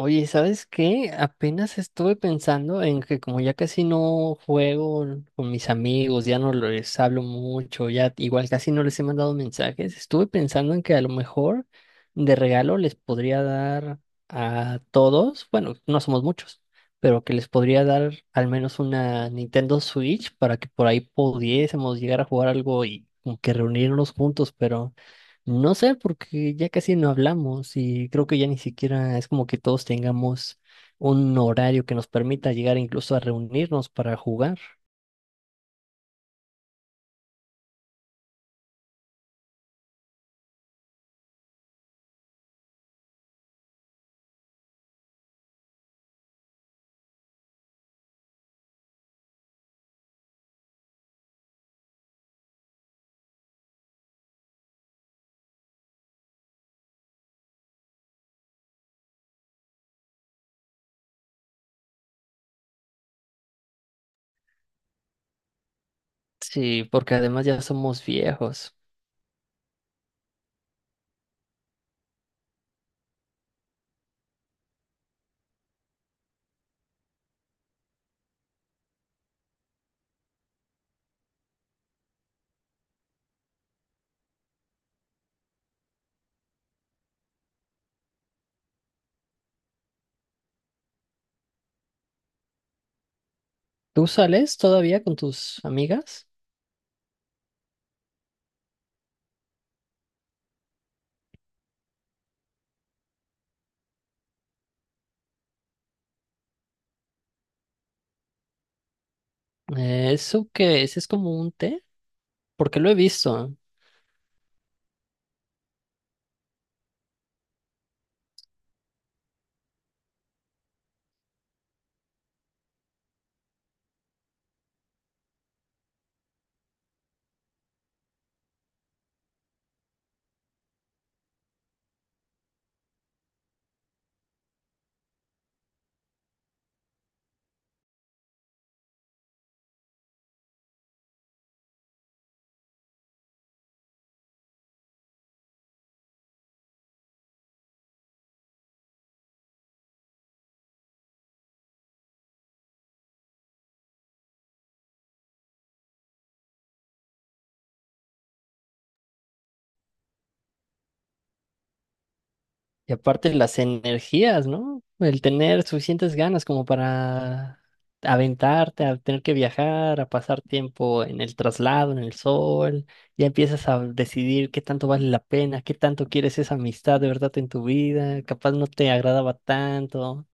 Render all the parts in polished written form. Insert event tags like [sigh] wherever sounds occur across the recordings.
Oye, ¿sabes qué? Apenas estuve pensando en que como ya casi no juego con mis amigos, ya no les hablo mucho, ya igual casi no les he mandado mensajes, estuve pensando en que a lo mejor de regalo les podría dar a todos, bueno, no somos muchos, pero que les podría dar al menos una Nintendo Switch para que por ahí pudiésemos llegar a jugar algo y como que reunirnos juntos. No sé, porque ya casi no hablamos y creo que ya ni siquiera es como que todos tengamos un horario que nos permita llegar incluso a reunirnos para jugar. Sí, porque además ya somos viejos. ¿Tú sales todavía con tus amigas? ¿Eso qué es? ¿Es como un té? Porque lo he visto. Y aparte las energías, ¿no? El tener suficientes ganas como para aventarte, a tener que viajar, a pasar tiempo en el traslado, en el sol, ya empiezas a decidir qué tanto vale la pena, qué tanto quieres esa amistad de verdad en tu vida, capaz no te agradaba tanto.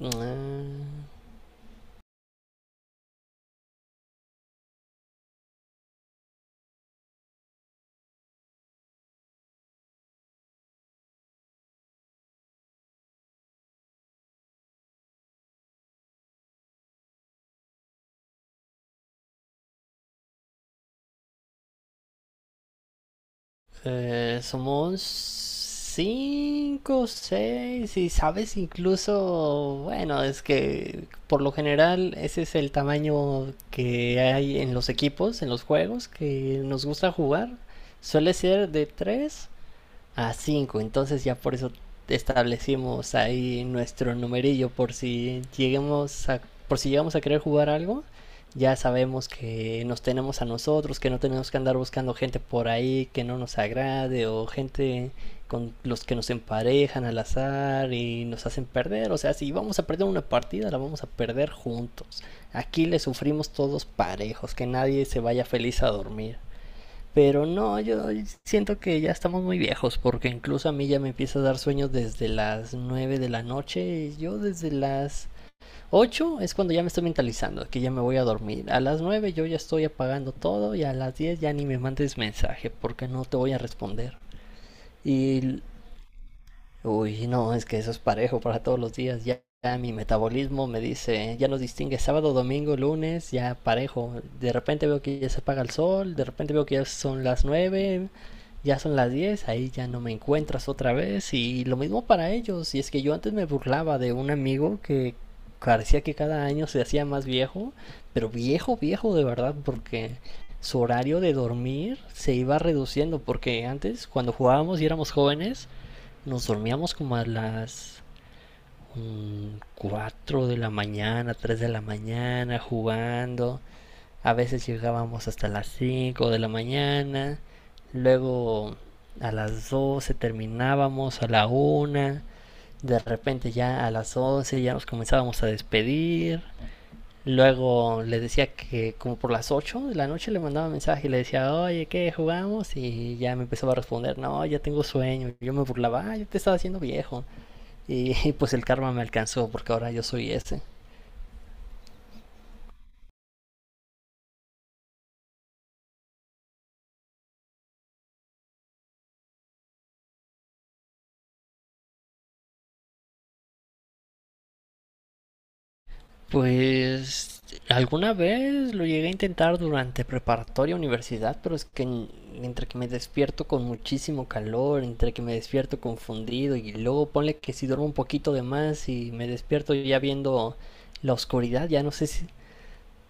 Ah. Somos cinco, seis, y sabes incluso, bueno, es que por lo general ese es el tamaño que hay en los equipos, en los juegos que nos gusta jugar. Suele ser de tres a cinco. Entonces ya por eso establecimos ahí nuestro numerillo por si llegamos a querer jugar algo. Ya sabemos que nos tenemos a nosotros, que no tenemos que andar buscando gente por ahí que no nos agrade o gente con los que nos emparejan al azar y nos hacen perder. O sea, si vamos a perder una partida, la vamos a perder juntos. Aquí le sufrimos todos parejos, que nadie se vaya feliz a dormir. Pero no, yo siento que ya estamos muy viejos, porque incluso a mí ya me empieza a dar sueños desde las 9 de la noche. Yo desde las 8 es cuando ya me estoy mentalizando, que ya me voy a dormir. A las 9 yo ya estoy apagando todo y a las 10 ya ni me mandes mensaje, porque no te voy a responder. Y Uy, sí, no, es que eso es parejo para todos los días. Ya mi metabolismo me dice, ya nos distingue sábado, domingo, lunes, ya parejo. De repente veo que ya se apaga el sol, de repente veo que ya son las 9, ya son las 10, ahí ya no me encuentras otra vez. Y lo mismo para ellos. Y es que yo antes me burlaba de un amigo que parecía que cada año se hacía más viejo, pero viejo, viejo de verdad, porque su horario de dormir se iba reduciendo, porque antes cuando jugábamos y éramos jóvenes, nos dormíamos como a las mm, 4 de la mañana, 3 de la mañana, jugando. A veces llegábamos hasta las 5 de la mañana. Luego a las 12 terminábamos, a la una. De repente ya a las 11 ya nos comenzábamos a despedir. Luego le decía que como por las 8 de la noche le mandaba mensaje y le decía, oye, ¿qué jugamos? Y ya me empezaba a responder, no, ya tengo sueño. Yo me burlaba, "Ah, yo te estaba haciendo viejo". Y [laughs] pues el karma me alcanzó porque ahora yo soy ese. Pues alguna vez lo llegué a intentar durante preparatoria universidad, pero es que entre que me despierto con muchísimo calor, entre que me despierto confundido y luego ponle que si duermo un poquito de más y me despierto ya viendo la oscuridad, ya no sé si.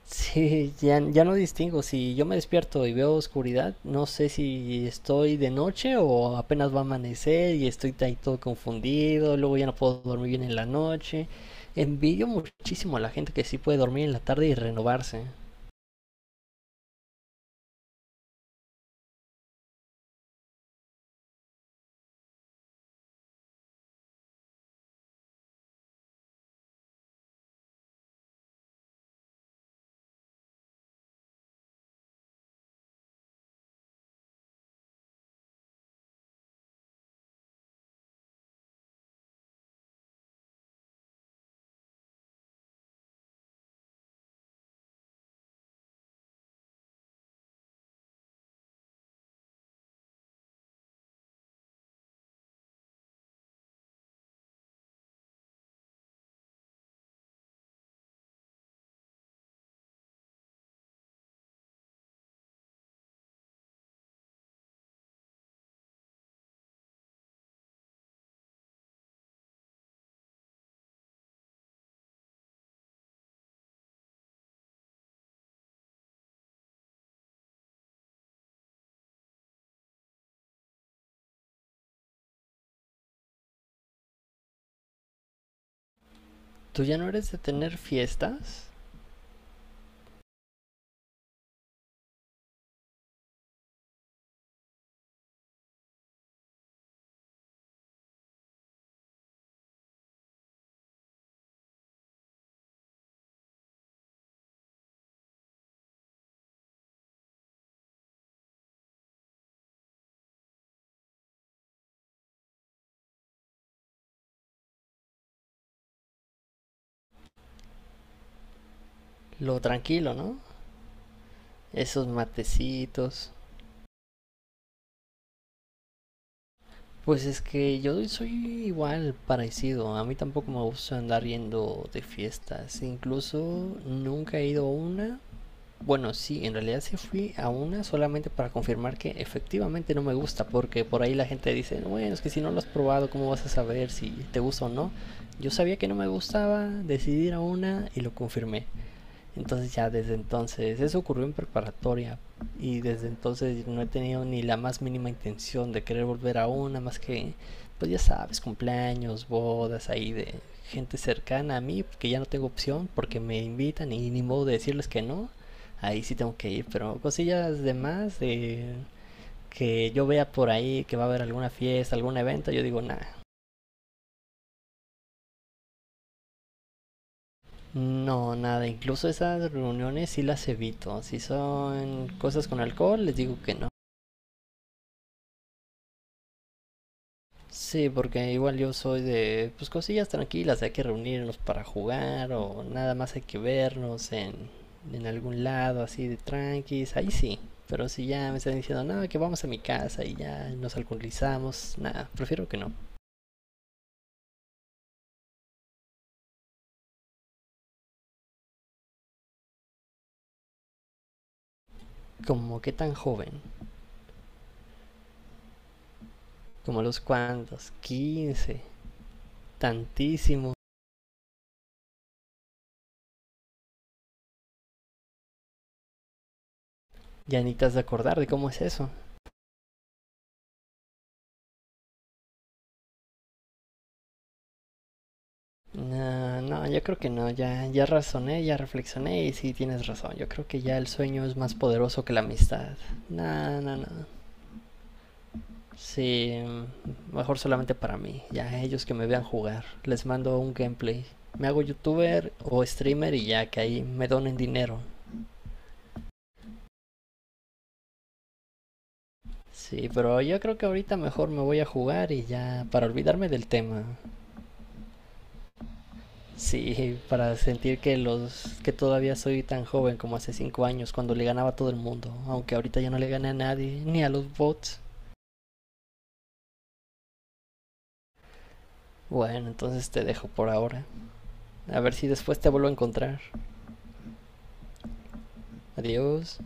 Sí, ya no distingo. Si yo me despierto y veo oscuridad, no sé si estoy de noche o apenas va a amanecer y estoy ahí todo confundido. Luego ya no puedo dormir bien en la noche. Envidio muchísimo a la gente que sí puede dormir en la tarde y renovarse. ¿Tú ya no eres de tener fiestas? Lo tranquilo, ¿no? Esos matecitos. Pues es que yo soy igual parecido. A mí tampoco me gusta andar yendo de fiestas. Incluso nunca he ido a una. Bueno, sí, en realidad sí fui a una solamente para confirmar que efectivamente no me gusta, porque por ahí la gente dice, "No, bueno, es que si no lo has probado, ¿cómo vas a saber si te gusta o no?". Yo sabía que no me gustaba, decidí ir a una y lo confirmé. Entonces ya desde entonces, eso ocurrió en preparatoria y desde entonces no he tenido ni la más mínima intención de querer volver a una más que, pues ya sabes, cumpleaños, bodas ahí de gente cercana a mí, que ya no tengo opción porque me invitan y ni modo de decirles que no, ahí sí tengo que ir, pero cosillas de más, de que yo vea por ahí que va a haber alguna fiesta, algún evento, yo digo nada. No, nada, incluso esas reuniones sí las evito. Si son cosas con alcohol, les digo que no. Sí, porque igual yo soy de, pues cosillas tranquilas, hay que reunirnos para jugar o nada más hay que vernos en algún lado así de tranquis, ahí sí. Pero si ya me están diciendo, no, que vamos a mi casa y ya nos alcoholizamos, nada, prefiero que no. ¿Como que tan joven, como los cuantos, 15, tantísimo, ya ni te has de acordar de cómo es eso? No, no, yo creo que no, ya razoné, ya reflexioné y sí tienes razón. Yo creo que ya el sueño es más poderoso que la amistad. No, no, no. Sí, mejor solamente para mí. Ya ellos que me vean jugar. Les mando un gameplay. Me hago youtuber o streamer y ya que ahí me donen dinero. Sí, pero yo creo que ahorita mejor me voy a jugar y ya para olvidarme del tema. Sí, para sentir que los que todavía soy tan joven como hace 5 años cuando le ganaba a todo el mundo, aunque ahorita ya no le gane a nadie, ni a los bots. Bueno, entonces te dejo por ahora. A ver si después te vuelvo a encontrar. Adiós.